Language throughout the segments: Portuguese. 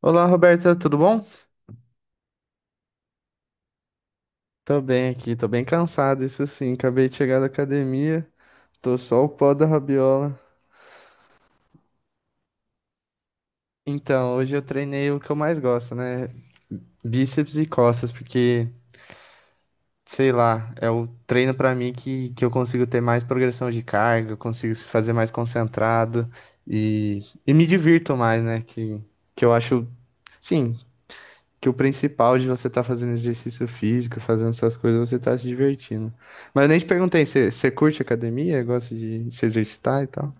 Olá, Roberta, tudo bom? Tô bem aqui, tô bem cansado, isso sim. Acabei de chegar da academia, tô só o pó da rabiola. Então, hoje eu treinei o que eu mais gosto, né? Bíceps e costas, porque, sei lá, é o treino pra mim que eu consigo ter mais progressão de carga, eu consigo se fazer mais concentrado e me divirto mais, né? Que eu acho, sim, que o principal de você estar fazendo exercício físico, fazendo essas coisas, você tá se divertindo. Mas eu nem te perguntei, você curte academia? Gosta de se exercitar e tal?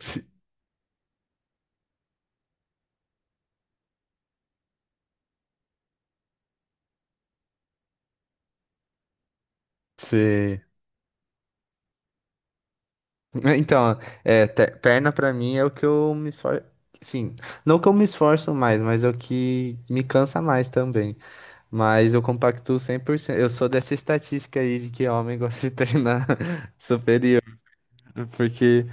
Se- se- Então, é, perna pra mim é o que eu me esforço. Sim, não que eu me esforço mais, mas é o que me cansa mais também. Mas eu compactuo 100%. Eu sou dessa estatística aí de que homem gosta de treinar superior. Porque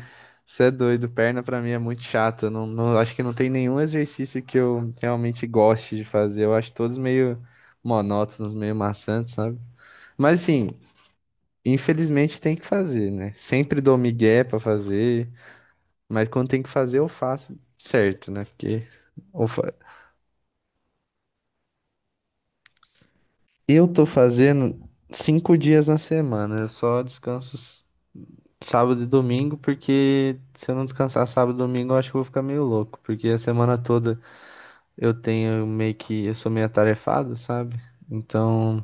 você é doido, perna pra mim é muito chato. Eu acho que não tem nenhum exercício que eu realmente goste de fazer. Eu acho todos meio monótonos, meio maçantes, sabe? Mas assim, infelizmente tem que fazer, né? Sempre dou migué pra fazer, mas quando tem que fazer eu faço certo, né? Porque eu fa- eu tô fazendo 5 dias na semana. Eu só descanso sábado e domingo, porque se eu não descansar sábado e domingo, eu acho que eu vou ficar meio louco, porque a semana toda. Eu tenho meio que, eu sou meio atarefado, sabe? Então,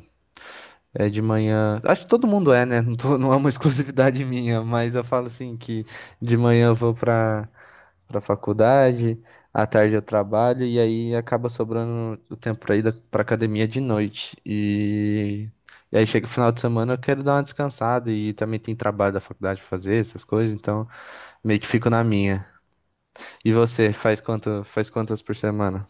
é de manhã, acho que todo mundo é, né? Não é uma exclusividade minha, mas eu falo assim que de manhã eu vou pra faculdade, à tarde eu trabalho e aí acaba sobrando o tempo pra ir pra academia de noite. E aí chega o final de semana, eu quero dar uma descansada e também tem trabalho da faculdade pra fazer, essas coisas, então meio que fico na minha. E você, faz quantas por semana?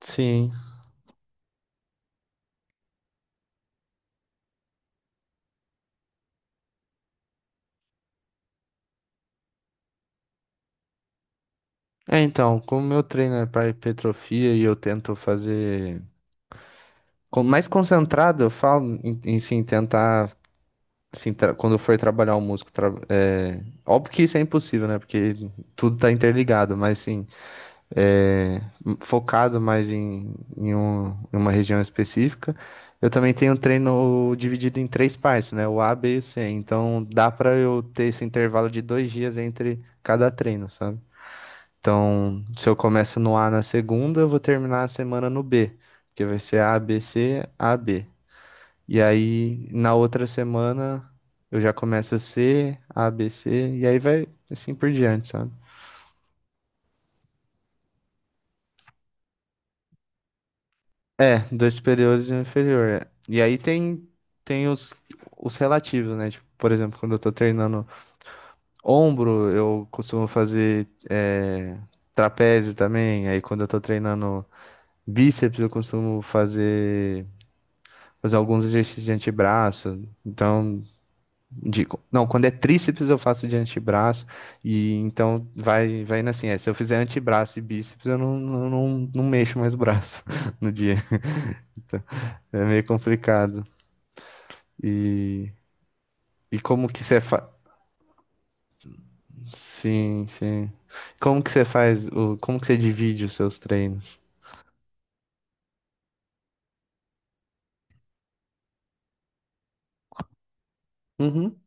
Sim. É, então, como meu treino é para hipertrofia e eu tento fazer mais concentrado, eu falo em sim tentar assim, quando eu for trabalhar o músculo, é, óbvio que isso é impossível, né? Porque tudo tá interligado, mas sim, é, focado mais em em uma região específica. Eu também tenho treino dividido em três partes, né? O A, B e o C. Então dá para eu ter esse intervalo de 2 dias entre cada treino, sabe? Então, se eu começo no A na segunda, eu vou terminar a semana no B, porque vai ser A, B, C, A, B. E aí, na outra semana, eu já começo C, A, B, C, e aí vai assim por diante, sabe? É, dois superiores e um inferior. É. E aí tem, tem os relativos, né? Tipo, por exemplo, quando eu tô treinando ombro, eu costumo fazer é, trapézio também. Aí quando eu tô treinando bíceps, eu costumo fazer alguns exercícios de antebraço. Então, de- não, quando é tríceps eu faço de antebraço. E então vai indo assim. É, se eu fizer antebraço e bíceps, eu não mexo mais o braço no dia. Então, é meio complicado. E, e como que você faz? Sim, sim. Como que você faz? O, como que você divide os seus treinos? Uhum.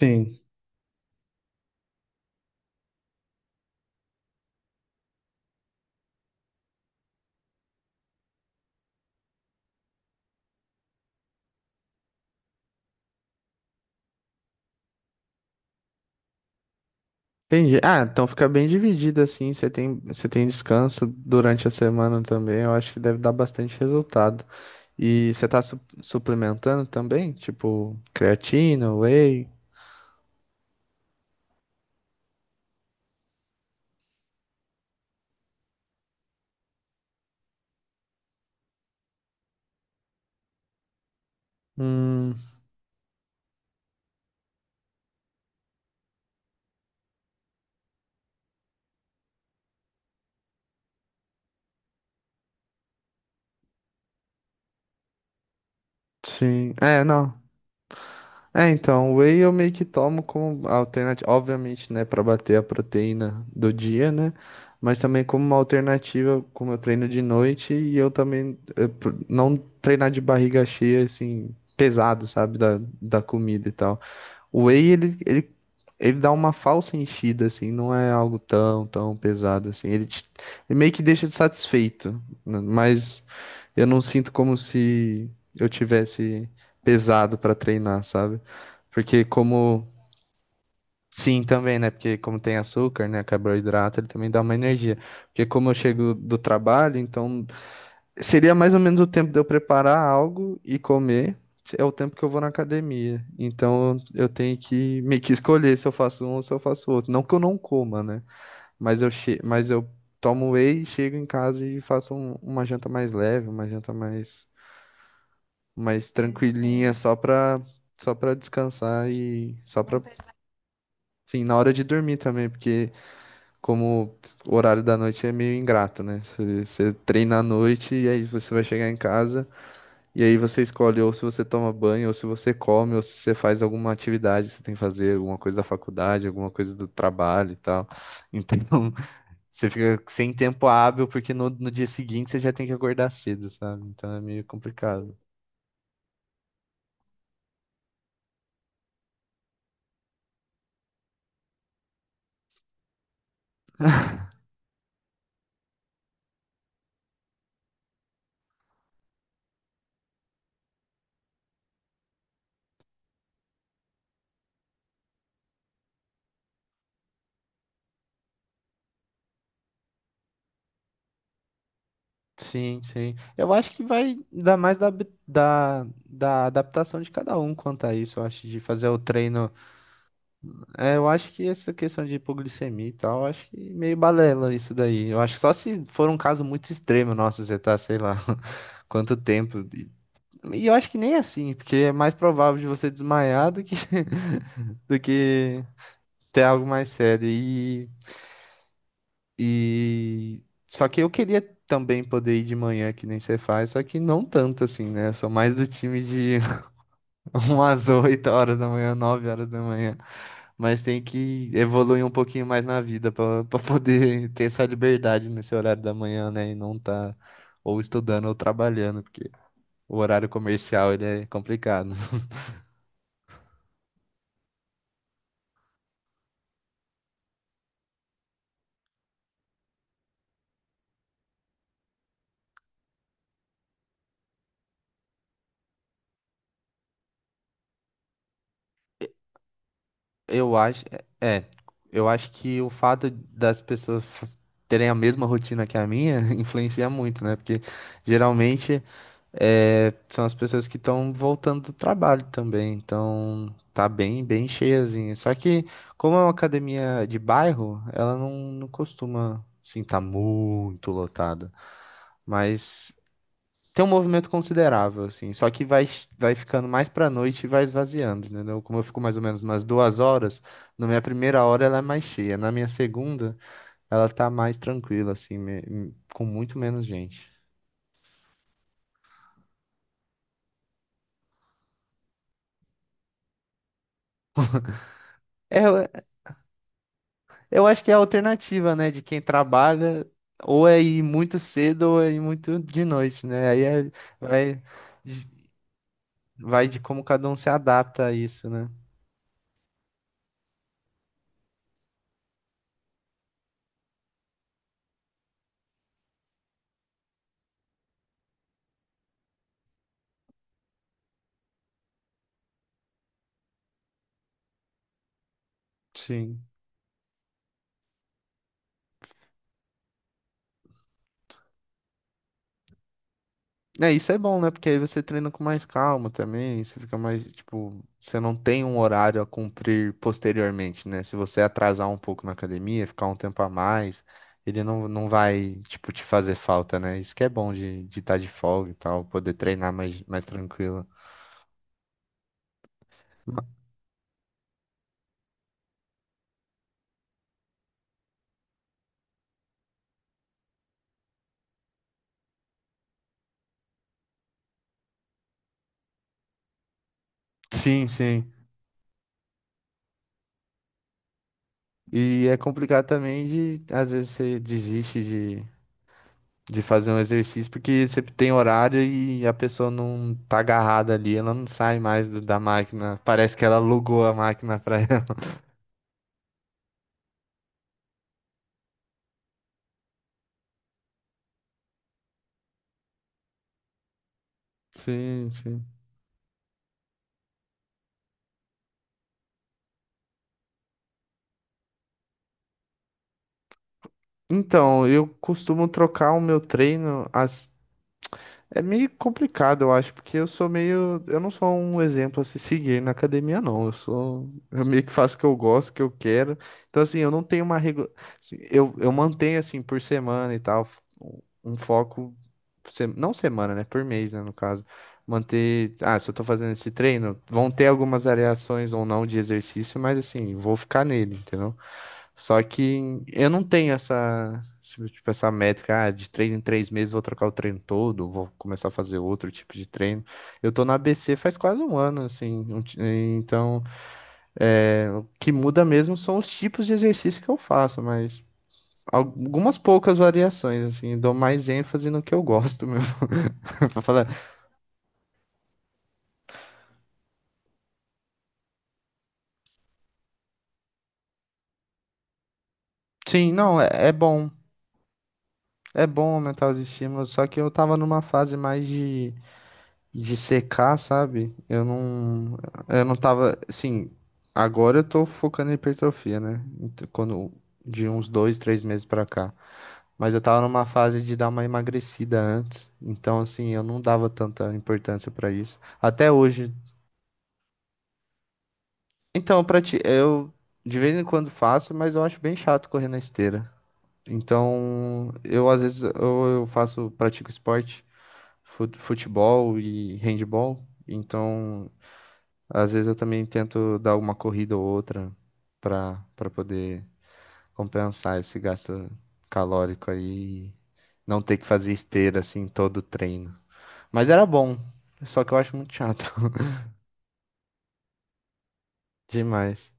Sim. Entendi. Ah, então fica bem dividido assim. Você tem descanso durante a semana também. Eu acho que deve dar bastante resultado. E você tá suplementando também? Tipo, creatina, whey? Hum, sim. É, não. É, então, whey eu meio que tomo como alternativa. Obviamente, né, pra bater a proteína do dia, né? Mas também como uma alternativa, como eu treino de noite e eu também não treinar de barriga cheia, assim, pesado, sabe, da comida e tal. O whey, ele dá uma falsa enchida, assim, não é algo tão pesado, assim. Ele, ele meio que deixa satisfeito, né? Mas eu não sinto como se eu tivesse pesado para treinar, sabe? Porque como... Sim, também, né? Porque como tem açúcar, né? Carboidrato, ele também dá uma energia. Porque como eu chego do trabalho, então seria mais ou menos o tempo de eu preparar algo e comer, é o tempo que eu vou na academia. Então eu tenho que meio que escolher se eu faço um ou se eu faço outro. Não que eu não coma, né? Mas eu tomo whey, chego em casa e faço uma janta mais leve, uma janta mais, mais tranquilinha, só pra descansar e só pra, sim, na hora de dormir também, porque como o horário da noite é meio ingrato, né? Você treina à noite e aí você vai chegar em casa. E aí você escolhe ou se você toma banho, ou se você come, ou se você faz alguma atividade, que você tem que fazer alguma coisa da faculdade, alguma coisa do trabalho e tal. Então, você fica sem tempo hábil, porque no dia seguinte você já tem que acordar cedo, sabe? Então é meio complicado. Sim, sim. Eu acho que vai dar mais da adaptação de cada um quanto a isso, eu acho, de fazer o treino. É, eu acho que essa questão de hipoglicemia e tal, eu acho que meio balela isso daí. Eu acho que só se for um caso muito extremo, nossa, você tá, sei lá, quanto tempo. E eu acho que nem é assim, porque é mais provável de você desmaiar do que, do que ter algo mais sério. E... Só que eu queria também poder ir de manhã, que nem você faz, só que não tanto assim, né? Eu sou mais do time de umas 8 horas da manhã, 9 horas da manhã. Mas tem que evoluir um pouquinho mais na vida para poder ter essa liberdade nesse horário da manhã, né? E não tá ou estudando ou trabalhando, porque o horário comercial ele é complicado. Eu acho, é, eu acho que o fato das pessoas terem a mesma rotina que a minha influencia muito, né? Porque geralmente é, são as pessoas que estão voltando do trabalho também, então tá bem cheiazinho. Só que, como é uma academia de bairro, ela não costuma, assim, tá muito lotada. Mas tem um movimento considerável, assim. Só que vai ficando mais pra noite e vai esvaziando, entendeu? Como eu fico mais ou menos umas 2 horas, na minha primeira hora ela é mais cheia, na minha segunda ela tá mais tranquila, assim, com muito menos gente. É, eu acho que é a alternativa, né, de quem trabalha, ou é ir muito cedo ou é ir muito de noite, né? Vai, de- vai de como cada um se adapta a isso, né? Sim. É, isso é bom, né? Porque aí você treina com mais calma também, você fica mais, tipo, você não tem um horário a cumprir posteriormente, né? Se você atrasar um pouco na academia, ficar um tempo a mais, ele não vai, tipo, te fazer falta, né? Isso que é bom de estar tá de folga e tal, poder treinar mais, mais tranquilo. Ma- Sim, sim. E é complicado também de, às vezes, você desiste de fazer um exercício porque você tem horário e a pessoa não tá agarrada ali, ela não sai mais da máquina. Parece que ela alugou a máquina pra ela. Sim, sim. Então, eu costumo trocar o meu treino, as é meio complicado, eu acho, porque eu sou meio. Eu não sou um exemplo a se seguir na academia, não. Eu sou. Eu meio que faço o que eu gosto, o que eu quero. Então, assim, eu não tenho uma regra. Assim, eu mantenho, assim, por semana e tal, um foco. Não semana, né? Por mês, né? No caso. Manter. Ah, se eu tô fazendo esse treino, vão ter algumas variações ou não de exercício, mas, assim, vou ficar nele, entendeu? Só que eu não tenho essa, essa métrica, ah, de três em três meses vou trocar o treino todo, vou começar a fazer outro tipo de treino. Eu tô na ABC faz quase 1 ano, assim, então é, o que muda mesmo são os tipos de exercício que eu faço, mas algumas poucas variações, assim, dou mais ênfase no que eu gosto mesmo, pra falar. Sim, não, é, é bom aumentar os estímulos, só que eu tava numa fase mais de secar, sabe? Eu não tava, assim, agora eu tô focando em hipertrofia, né? Quando, de uns dois, 3 meses pra cá. Mas eu tava numa fase de dar uma emagrecida antes, então assim, eu não dava tanta importância pra isso. Até hoje. Então, pra ti, eu de vez em quando faço, mas eu acho bem chato correr na esteira. Então, eu às vezes eu faço, pratico esporte, futebol e handball. Então, às vezes eu também tento dar uma corrida ou outra para poder compensar esse gasto calórico aí, e não ter que fazer esteira assim todo o treino. Mas era bom, só que eu acho muito chato demais.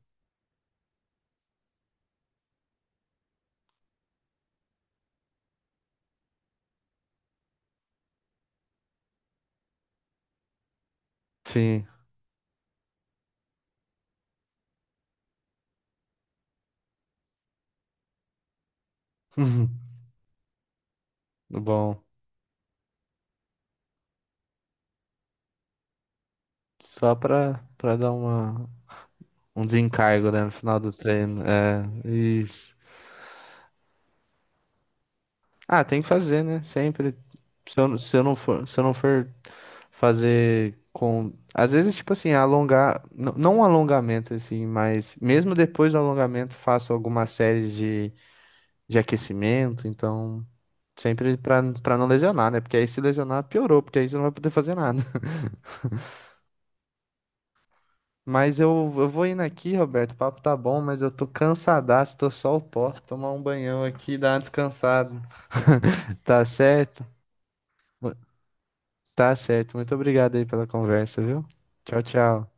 Sim. Bom, só para dar uma um desencargo, né, no final do treino. É, isso. Ah, tem que fazer, né? Sempre. Se eu não for fazer com. Às vezes, tipo assim, alongar. Não um alongamento, assim, mas mesmo depois do alongamento, faço algumas séries de aquecimento. Então, pra não lesionar, né? Porque aí se lesionar, piorou, porque aí você não vai poder fazer nada. Mas eu vou indo aqui, Roberto. O papo tá bom, mas eu tô cansadaço, tô só o pó. Tomar um banhão aqui, dar uma descansada. Tá certo? Tá certo. Muito obrigado aí pela conversa, viu? Tchau, tchau.